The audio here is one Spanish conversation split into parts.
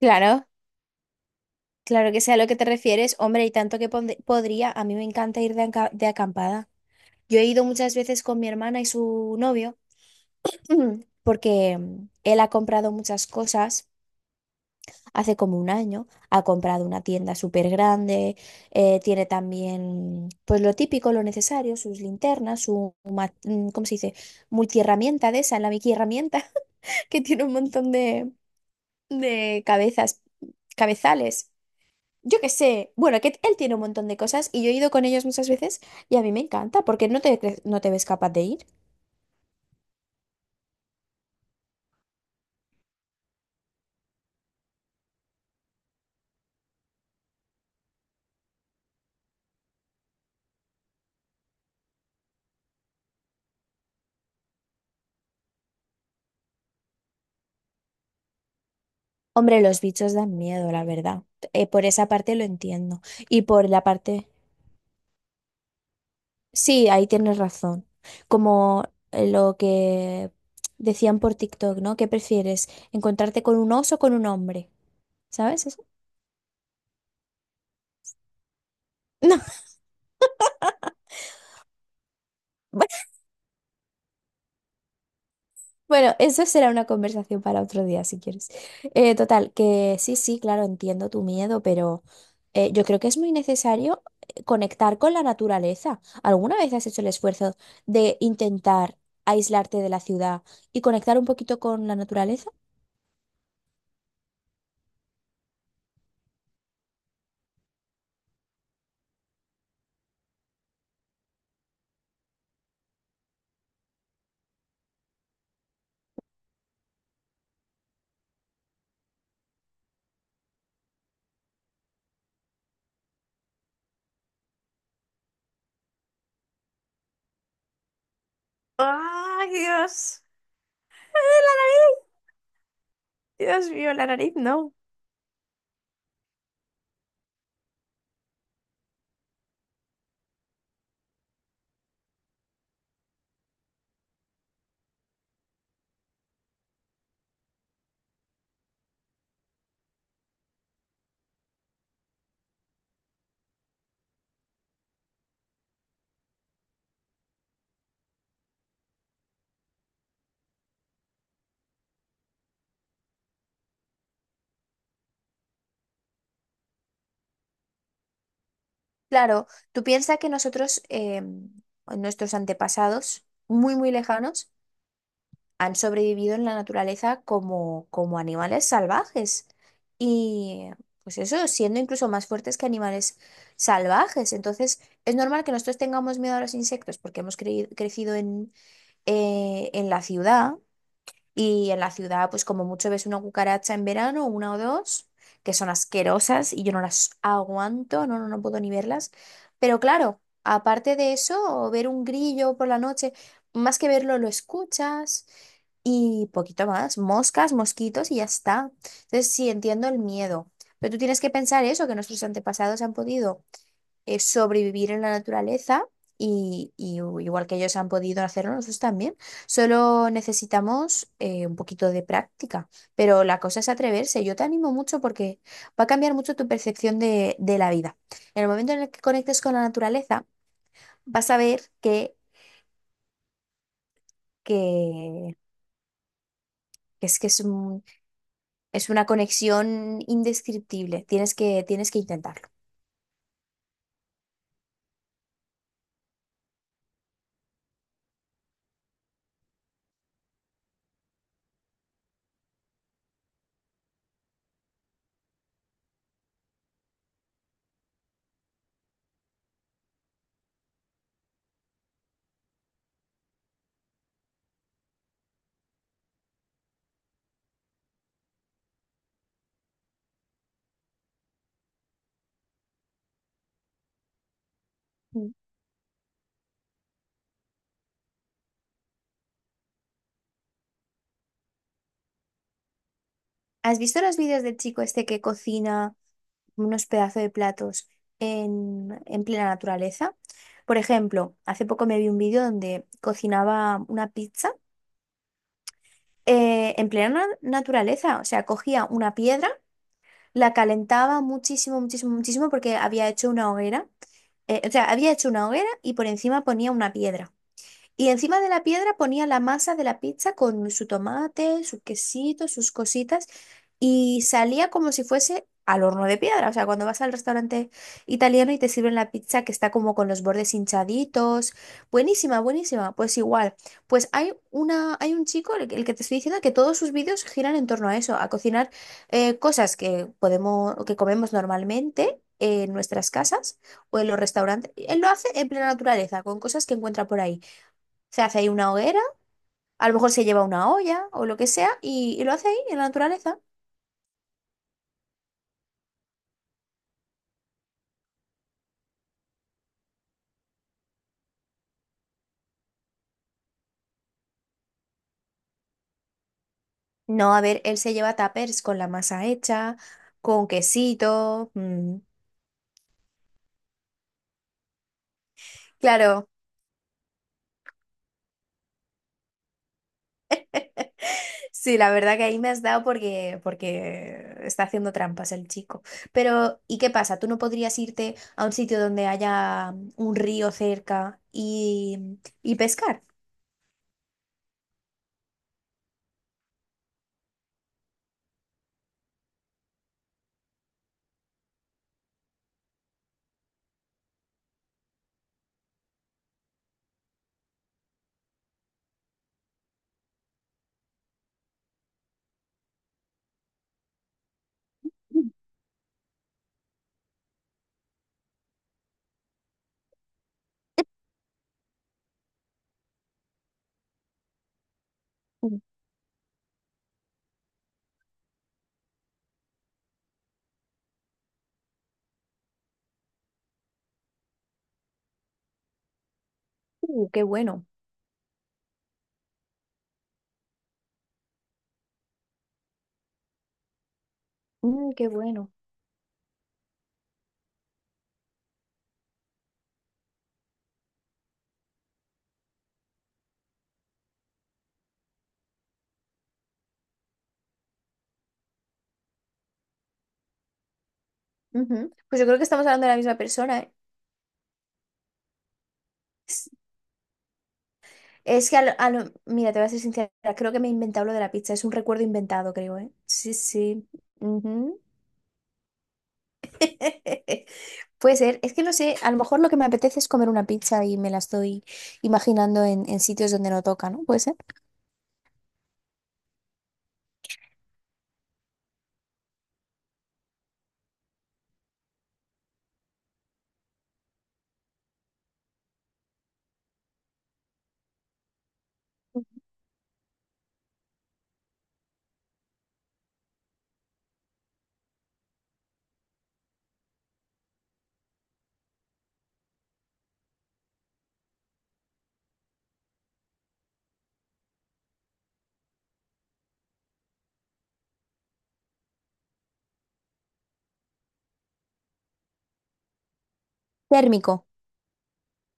Claro, claro que sé a lo que te refieres. Hombre, y tanto que podría, a mí me encanta ir de acampada. Yo he ido muchas veces con mi hermana y su novio, porque él ha comprado muchas cosas hace como un año. Ha comprado una tienda súper grande, tiene también, pues lo típico, lo necesario, sus linternas, ¿cómo se dice? Multiherramienta de esa, la Mickey herramienta, que tiene un montón de cabezas, cabezales. Yo qué sé, bueno, que él tiene un montón de cosas y yo he ido con ellos muchas veces y a mí me encanta porque no te ves capaz de ir. Hombre, los bichos dan miedo, la verdad. Por esa parte lo entiendo. Y por la parte... Sí, ahí tienes razón. Como lo que decían por TikTok, ¿no? ¿Qué prefieres? ¿Encontrarte con un oso o con un hombre? ¿Sabes eso? No. Bueno, eso será una conversación para otro día, si quieres. Total, que sí, sí, claro, entiendo tu miedo, pero yo creo que es muy necesario conectar con la naturaleza. ¿Alguna vez has hecho el esfuerzo de intentar aislarte de la ciudad y conectar un poquito con la naturaleza? ¡Ay, Dios! No. Claro, tú piensas que nosotros, nuestros antepasados, muy, muy lejanos, han sobrevivido en la naturaleza como, como animales salvajes. Y pues eso, siendo incluso más fuertes que animales salvajes. Entonces, es normal que nosotros tengamos miedo a los insectos porque crecido en la ciudad y en la ciudad, pues como mucho ves una cucaracha en verano, una o dos, que son asquerosas y yo no las aguanto, no, no, no puedo ni verlas. Pero claro, aparte de eso, ver un grillo por la noche, más que verlo, lo escuchas y poquito más, moscas, mosquitos y ya está. Entonces, sí, entiendo el miedo, pero tú tienes que pensar eso, que nuestros antepasados han podido sobrevivir en la naturaleza y, igual que ellos han podido hacerlo, nosotros también. Solo necesitamos un poquito de práctica, pero la cosa es atreverse. Yo te animo mucho porque va a cambiar mucho tu percepción de la vida. En el momento en el que conectes con la naturaleza, vas a ver que, que es Es una conexión indescriptible. Tienes que intentarlo. Mm. ¿Has visto los vídeos del chico este que cocina unos pedazos de platos en plena naturaleza? Por ejemplo, hace poco me vi un vídeo donde cocinaba una pizza en naturaleza. O sea, cogía una piedra, la calentaba muchísimo, muchísimo, muchísimo porque había hecho una hoguera. O sea, había hecho una hoguera y por encima ponía una piedra. Y encima de la piedra ponía la masa de la pizza con su tomate, su quesito, sus cositas, y salía como si fuese al horno de piedra. O sea, cuando vas al restaurante italiano y te sirven la pizza que está como con los bordes hinchaditos. Buenísima, buenísima. Pues igual. Pues hay un chico, el que te estoy diciendo, que todos sus vídeos giran en torno a eso, a cocinar cosas que podemos, que comemos normalmente en nuestras casas o en los restaurantes. Él lo hace en plena naturaleza, con cosas que encuentra por ahí. Se hace ahí una hoguera, a lo mejor se lleva una olla o lo que sea y lo hace ahí en la naturaleza. No, a ver, él se lleva tapers con la masa hecha, con quesito. Mm. Claro, sí, la verdad que ahí me has dado porque, porque está haciendo trampas el chico. Pero, ¿y qué pasa? ¿Tú no podrías irte a un sitio donde haya un río cerca y pescar? Mm, mm, qué bueno, mm, qué bueno. Ujú. Pues yo creo que estamos hablando de la misma persona, ¿eh? Es que, mira, te voy a ser sincera, creo que me he inventado lo de la pizza, es un recuerdo inventado, creo, ¿eh? Sí, sí. Ujú. Puede ser, es que no sé, a lo mejor lo que me apetece es comer una pizza y me la estoy imaginando en sitios donde no toca, ¿no? Puede ser. Térmico,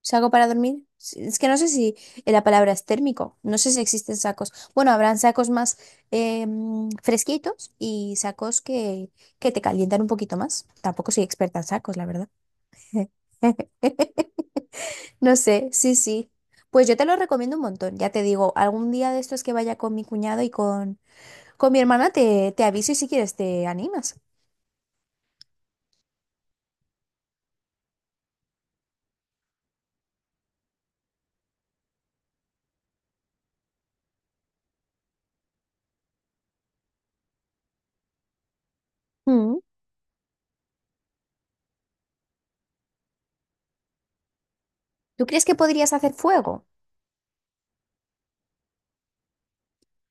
¿saco para dormir? Sí, es que no sé si la palabra es térmico, no sé si existen sacos. Bueno, habrán sacos más fresquitos y sacos que te calientan un poquito más. Tampoco soy experta en sacos, la verdad. No sé, sí, sí. Pues yo te lo recomiendo un montón, ya te digo, algún día de estos que vaya con mi cuñado y con mi hermana te, te aviso y si quieres te animas. Mm. ¿Tú crees que podrías hacer fuego?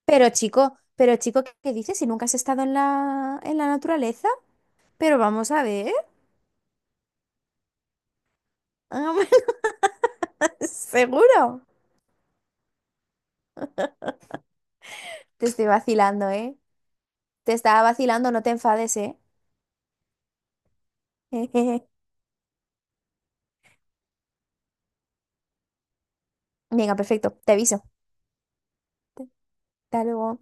Pero chico, ¿qué dices? Si nunca has estado en la naturaleza, pero vamos a ver. Seguro. Te estoy vacilando, ¿eh? Te estaba vacilando, no te enfades, ¿eh? Venga, perfecto, te aviso. Hasta luego.